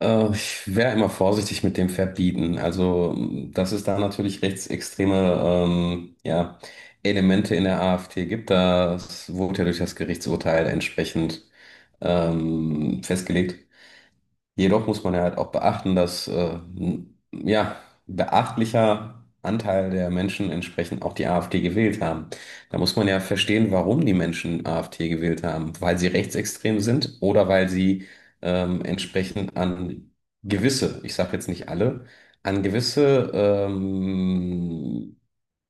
Ich wäre immer vorsichtig mit dem Verbieten. Also dass es da natürlich rechtsextreme ja, Elemente in der AfD gibt, das wurde ja durch das Gerichtsurteil entsprechend festgelegt. Jedoch muss man ja halt auch beachten, dass ja, beachtlicher Anteil der Menschen entsprechend auch die AfD gewählt haben. Da muss man ja verstehen, warum die Menschen AfD gewählt haben. Weil sie rechtsextrem sind oder weil sie entsprechend an gewisse, ich sage jetzt nicht alle, an gewisse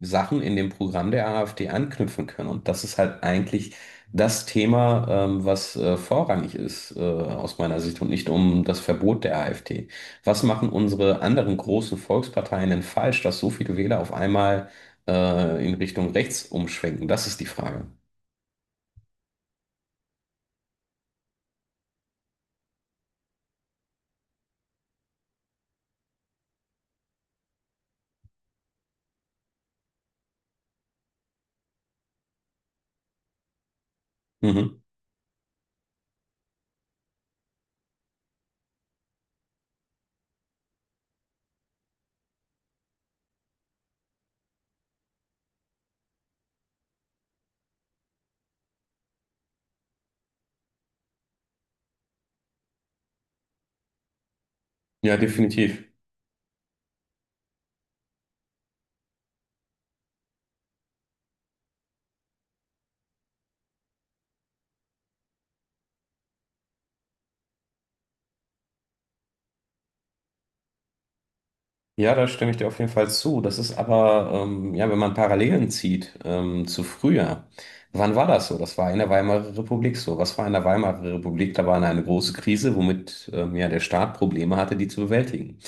Sachen in dem Programm der AfD anknüpfen können. Und das ist halt eigentlich das Thema, was vorrangig ist aus meiner Sicht und nicht um das Verbot der AfD. Was machen unsere anderen großen Volksparteien denn falsch, dass so viele Wähler auf einmal in Richtung rechts umschwenken? Das ist die Frage. Mhm. Ja, definitiv. Ja, da stimme ich dir auf jeden Fall zu. Das ist aber, ja, wenn man Parallelen zieht zu früher, wann war das so? Das war in der Weimarer Republik so. Was war in der Weimarer Republik? Da war eine große Krise, womit ja, der Staat Probleme hatte, die zu bewältigen.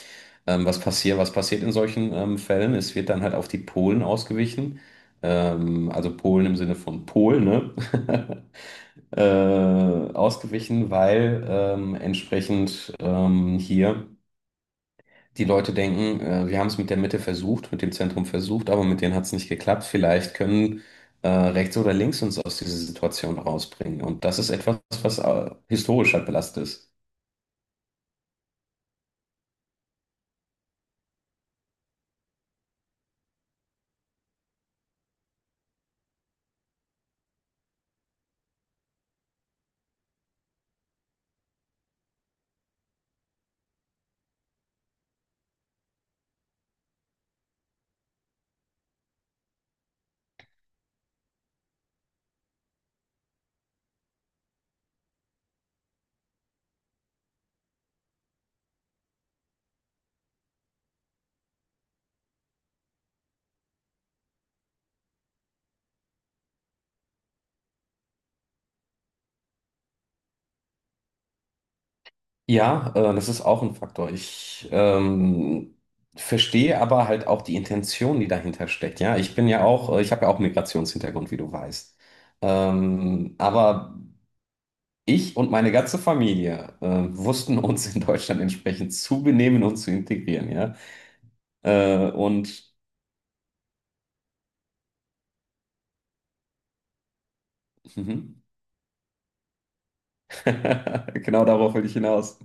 Was passiert, was passiert in solchen Fällen? Es wird dann halt auf die Polen ausgewichen. Also Polen im Sinne von Polen, ne? äh, ausgewichen, weil entsprechend hier die Leute denken, wir haben es mit der Mitte versucht, mit dem Zentrum versucht, aber mit denen hat es nicht geklappt. Vielleicht können rechts oder links uns aus dieser Situation rausbringen. Und das ist etwas, was historisch halt belastet ist. Ja, das ist auch ein Faktor. Ich verstehe aber halt auch die Intention, die dahinter steckt. Ja, ich bin ja auch, ich habe ja auch Migrationshintergrund, wie du weißt. Aber ich und meine ganze Familie wussten uns in Deutschland entsprechend zu benehmen und zu integrieren. Ja, und mhm. Genau darauf will ich hinaus.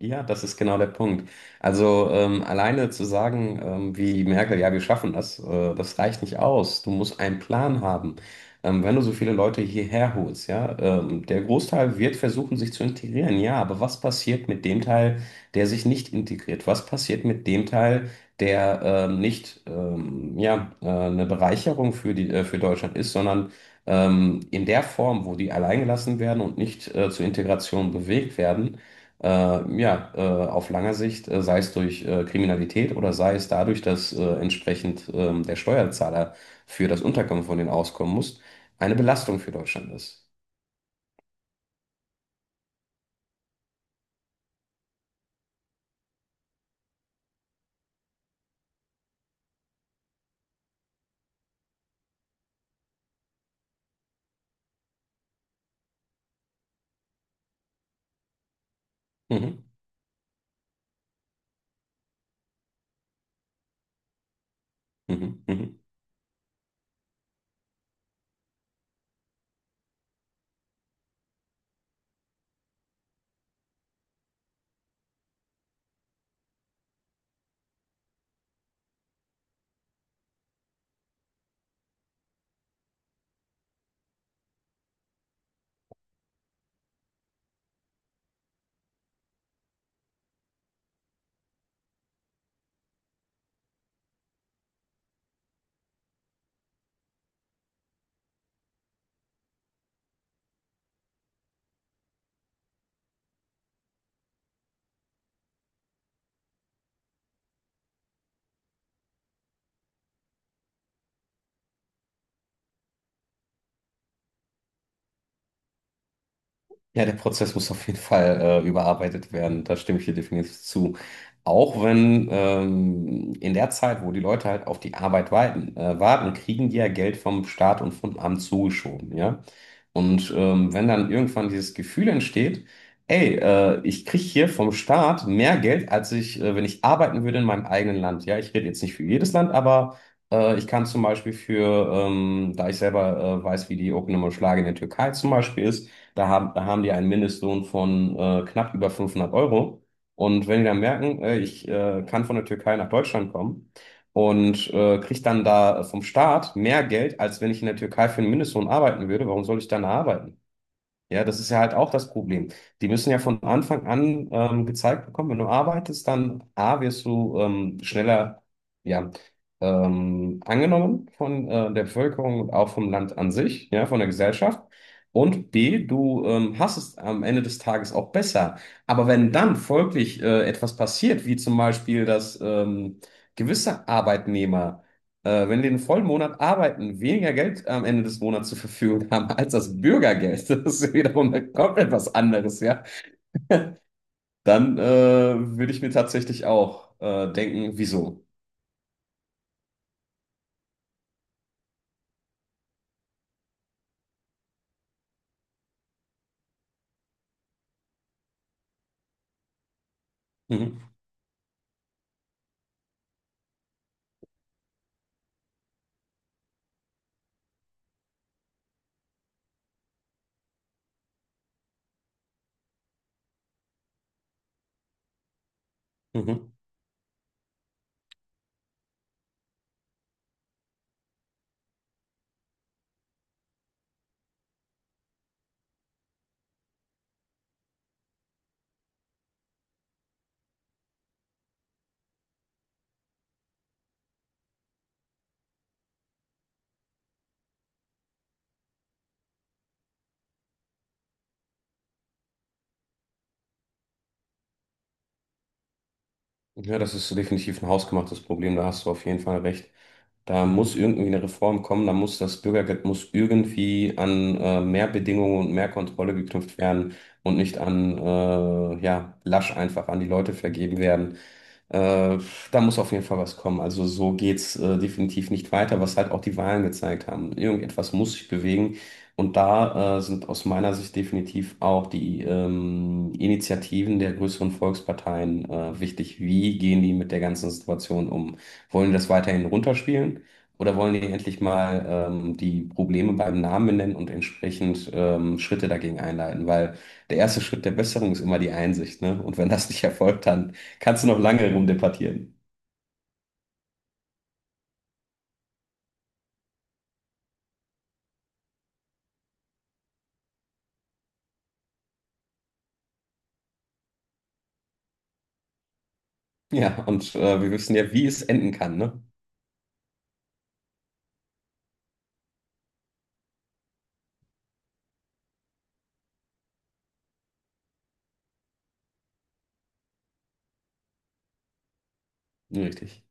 Ja, das ist genau der Punkt. Also alleine zu sagen, wie Merkel, ja, wir schaffen das, das reicht nicht aus. Du musst einen Plan haben. Wenn du so viele Leute hierher holst, ja, der Großteil wird versuchen, sich zu integrieren, ja, aber was passiert mit dem Teil, der sich nicht integriert? Was passiert mit dem Teil, der nicht ja, eine Bereicherung für für Deutschland ist, sondern in der Form, wo die alleingelassen werden und nicht zur Integration bewegt werden? äh, ja, äh, auf lange Sicht, sei es durch Kriminalität oder sei es dadurch, dass entsprechend der Steuerzahler für das Unterkommen von denen auskommen muss, eine Belastung für Deutschland ist. Mhm. Mhm. Mhm. Ja, der Prozess muss auf jeden Fall überarbeitet werden. Da stimme ich dir definitiv zu. Auch wenn in der Zeit, wo die Leute halt auf die Arbeit warten, kriegen die ja Geld vom Staat und vom Amt zugeschoben, ja. Und wenn dann irgendwann dieses Gefühl entsteht, ich kriege hier vom Staat mehr Geld, als wenn ich arbeiten würde in meinem eigenen Land. Ja, ich rede jetzt nicht für jedes Land, aber ich kann zum Beispiel da ich selber weiß, wie die Okunuma Schlage in der Türkei zum Beispiel ist, da haben die einen Mindestlohn von knapp über 500 Euro. Und wenn die dann merken, ich kann von der Türkei nach Deutschland kommen und kriege dann da vom Staat mehr Geld, als wenn ich in der Türkei für einen Mindestlohn arbeiten würde, warum soll ich dann da arbeiten? Ja, das ist ja halt auch das Problem. Die müssen ja von Anfang an gezeigt bekommen, wenn du arbeitest, dann A, wirst du schneller ja, angenommen von der Bevölkerung und auch vom Land an sich, ja, von der Gesellschaft. Und B, du hast es am Ende des Tages auch besser. Aber wenn dann folglich etwas passiert, wie zum Beispiel, dass gewisse Arbeitnehmer wenn die den vollen Monat arbeiten, weniger Geld am Ende des Monats zur Verfügung haben als das Bürgergeld, das ist wiederum komplett was anderes, ja, dann würde ich mir tatsächlich auch denken, wieso? Mhm. Mhm. Ja, das ist definitiv ein hausgemachtes Problem, da hast du auf jeden Fall recht. Da muss irgendwie eine Reform kommen, da muss das Bürgergeld muss irgendwie an mehr Bedingungen und mehr Kontrolle geknüpft werden und nicht an ja, lasch einfach an die Leute vergeben werden. Äh, Da muss auf jeden Fall was kommen. Also so geht's definitiv nicht weiter, was halt auch die Wahlen gezeigt haben. Irgendetwas muss sich bewegen. Und da sind aus meiner Sicht definitiv auch die Initiativen der größeren Volksparteien wichtig. Wie gehen die mit der ganzen Situation um? Wollen die das weiterhin runterspielen? Oder wollen die endlich mal die Probleme beim Namen benennen und entsprechend Schritte dagegen einleiten? Weil der erste Schritt der Besserung ist immer die Einsicht, ne? Und wenn das nicht erfolgt, dann kannst du noch lange rumdebattieren. Ja, und wir wissen ja, wie es enden kann, ne? Richtig.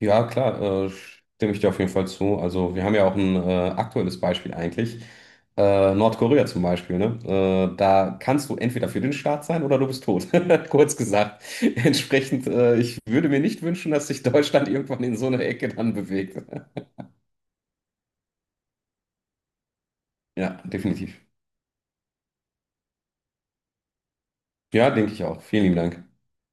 Ja, klar, stimme ich dir auf jeden Fall zu. Also wir haben ja auch ein aktuelles Beispiel eigentlich. Nordkorea zum Beispiel, ne? Da kannst du entweder für den Staat sein oder du bist tot. Kurz gesagt. Entsprechend, ich würde mir nicht wünschen, dass sich Deutschland irgendwann in so eine Ecke dann bewegt. Ja, definitiv. Ja, denke ich auch. Vielen lieben Dank.